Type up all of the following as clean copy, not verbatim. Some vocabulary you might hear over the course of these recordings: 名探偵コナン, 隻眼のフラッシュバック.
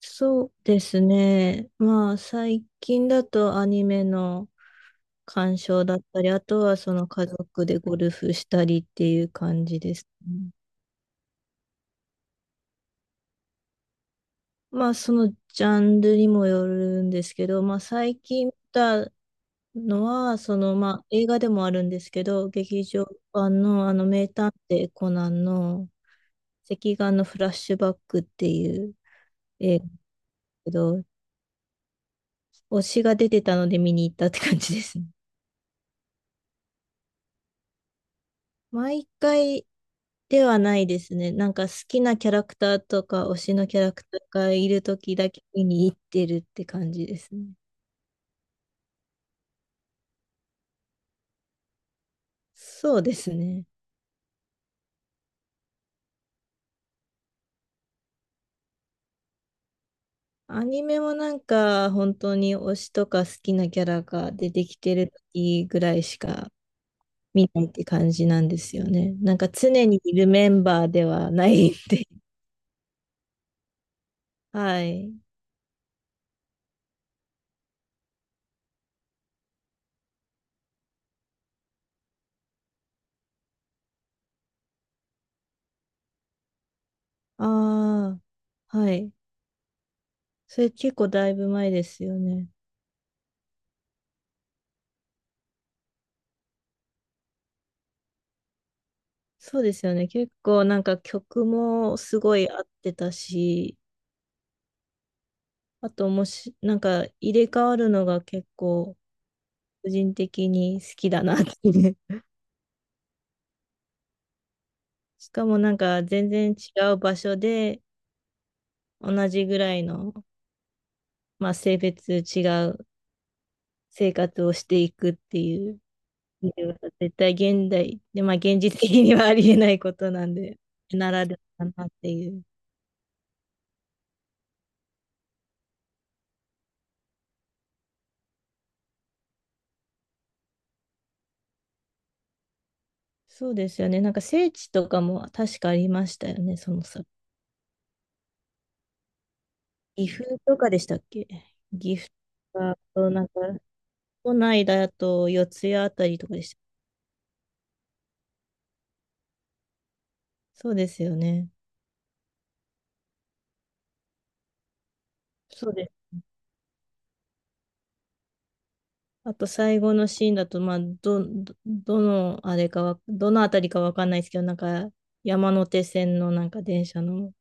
そうですね。最近だとアニメの鑑賞だったり、あとは家族でゴルフしたりっていう感じですね。まあ、そのジャンルにもよるんですけど、最近見たのは、映画でもあるんですけど、劇場版の名探偵コナンの隻眼のフラッシュバックっていう映画だけど、推しが出てたので見に行ったって感じですね。毎回ではないですね。なんか好きなキャラクターとか推しのキャラクターがいる時だけ見に行ってるって感じですね。そうですね。アニメもなんか本当に推しとか好きなキャラが出てきてる時ぐらいしか見ないって感じなんですよね。なんか常にいるメンバーではないんで。はい。ああ、はい。それ結構だいぶ前ですよね。そうですよね。結構なんか曲もすごい合ってたし、あともし、なんか入れ替わるのが結構個人的に好きだなっていう。しかもなんか全然違う場所で同じぐらいの、まあ、性別違う生活をしていくっていうのは絶対現代で、まあ現実的にはありえないことなんで、ならではだなっていう。そうですよね。なんか聖地とかも確かありましたよね、そのさ。岐阜とかでしたっけ。岐阜とか、なんか都内だと四谷あたりとかでした。そうですよね。そうです。あと最後のシーンだと、まあ、どのあれかわ、どのあたりかわかんないですけど、なんか山手線のなんか電車の、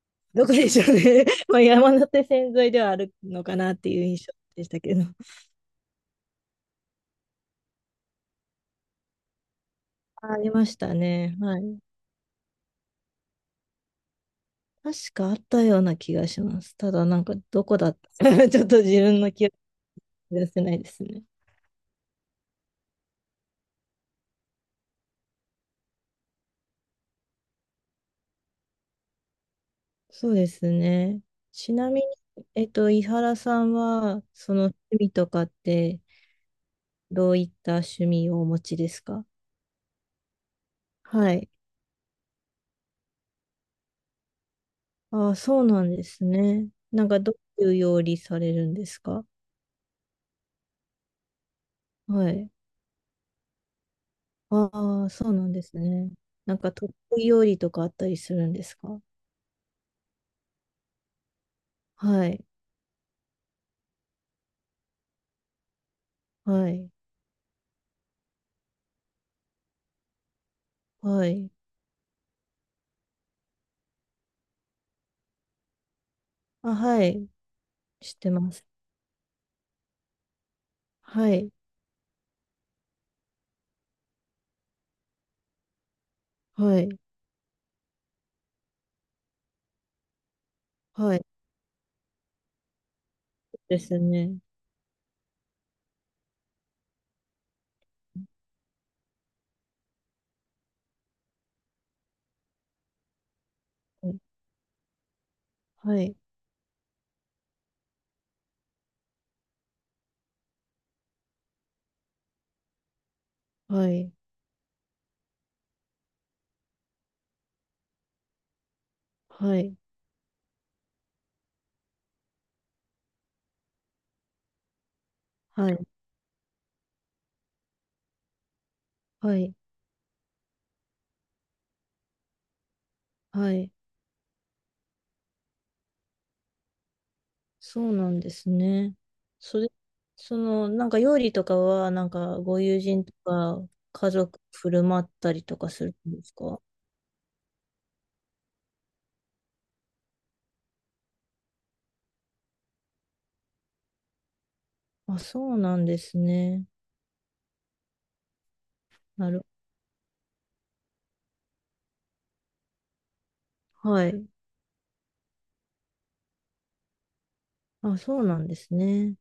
どこでしょうね。まあ山手線沿いではあるのかなっていう印象でしたけど。あありましたね。はい。確かあったような気がします。ただなんかどこだった ちょっと自分の記憶が出せないですね。そうですね。ちなみに、井原さんは、その趣味とかって、どういった趣味をお持ちですか？はい。ああ、そうなんですね。なんか、どういう料理されるんですか？はい。ああ、そうなんですね。なんか、得意料理とかあったりするんですか？はい。はい。はい。あ、はい。知ってます。はい。はい。はい。そうですね。はい。はい。はい。はい。はい。はい。はい。そうなんですね。それ、その、なんか料理とかは、なんかご友人とか家族振る舞ったりとかするんですか？あ、そうなんですね。なる、はい。あ、そうなんですね。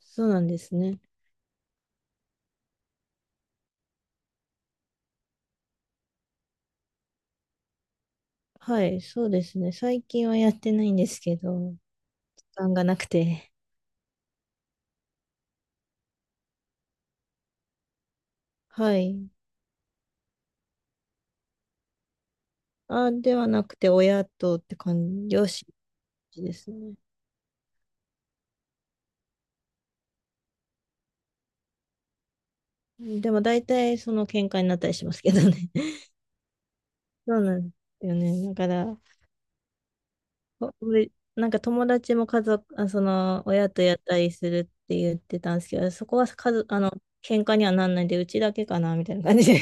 そうなんですね。はい、そうですね。最近はやってないんですけど、時間がなくて。はい。あ、ではなくて、親とって感じ、両親ですね。でも大体その喧嘩になったりしますけどね。そうなんですよね。だから、俺なんか友達も家族、あ、その、親とやったりするって言ってたんですけど、そこは家族、あの、喧嘩にはなんないんで、うちだけかな、みたいな感じで。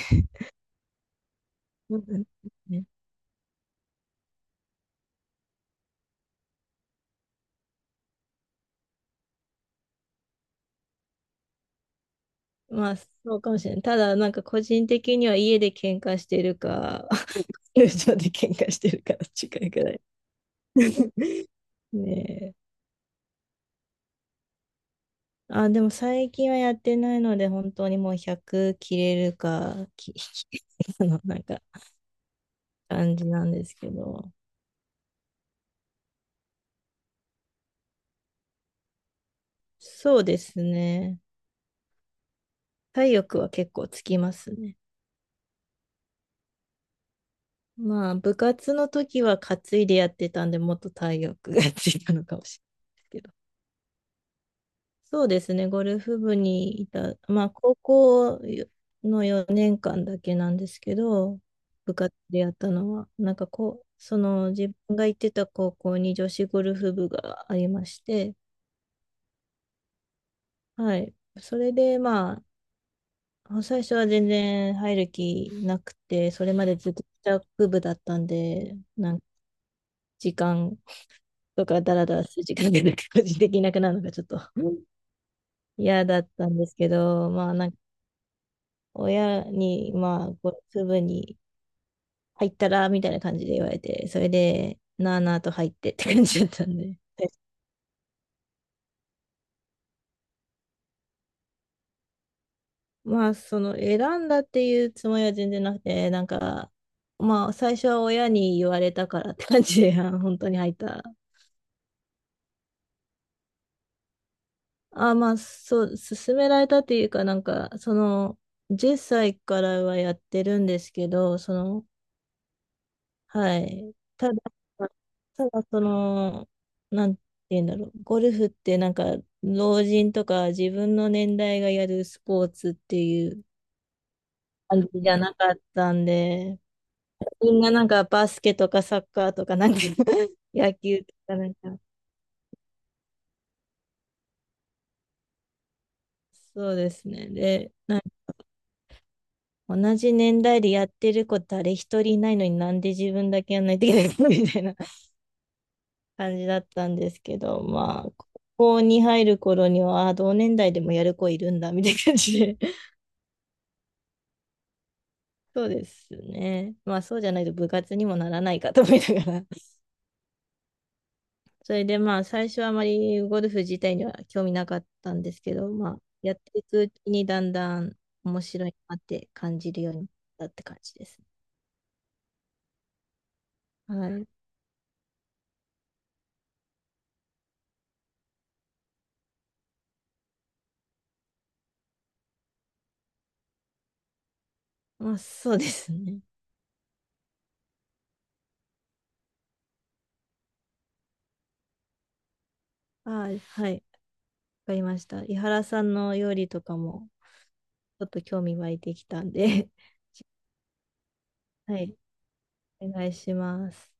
そうなんですね。まあ、そうかもしれない。ただ、なんか個人的には家で喧嘩してるか、友情で喧嘩してるか、近いくらい。ねえ。あ、でも最近はやってないので、本当にもう100切れるか、き あの、なんか、感じなんですけど。そうですね。体力は結構つきますね。まあ、部活の時は担いでやってたんで、もっと体力がついたのかもしれないですけど。そうですね、ゴルフ部にいた、まあ、高校の4年間だけなんですけど、部活でやったのは、なんかこう、その自分が行ってた高校に女子ゴルフ部がありまして、はい。それで、まあ、あ最初は全然入る気なくて、それまでずっと帰部だったんで、なんか時間とかダラダラする時間がなく個人的になくなるのがちょっとうん嫌だったんですけど、まあなんか親に、まあこう、部に入ったらみたいな感じで言われて、それでなあなあと入ってって感じだったんで。で、まあその選んだっていうつもりは全然なくて、なんかまあ最初は親に言われたからって感じで、あの本当に入った。あ、まあ、そう、勧められたっていうか、なんか、その、10歳からはやってるんですけど、その、はい。ただ、その、なんて言うんだろう。ゴルフってなんか、老人とか自分の年代がやるスポーツっていう感じじゃなかったんで、みんななんかバスケとかサッカーとかなんか 野球とかなんか、そうですね。で、同じ年代でやってる子誰一人いないのになんで自分だけやんないといけないのみたいな感じだったんですけど、まあ、ここに入る頃には、あ同年代でもやる子いるんだ、みたいな感じで。そうですね。まあ、そうじゃないと部活にもならないかと思いながら。それでまあ、最初はまあまりゴルフ自体には興味なかったんですけど、まあ、やっていくうちにだんだん面白いなって感じるようになったって感じですね。はい。まあ、そうですね。あはい。かりました。井原さんの料理とかも、ちょっと興味湧いてきたんで はい、お願いします。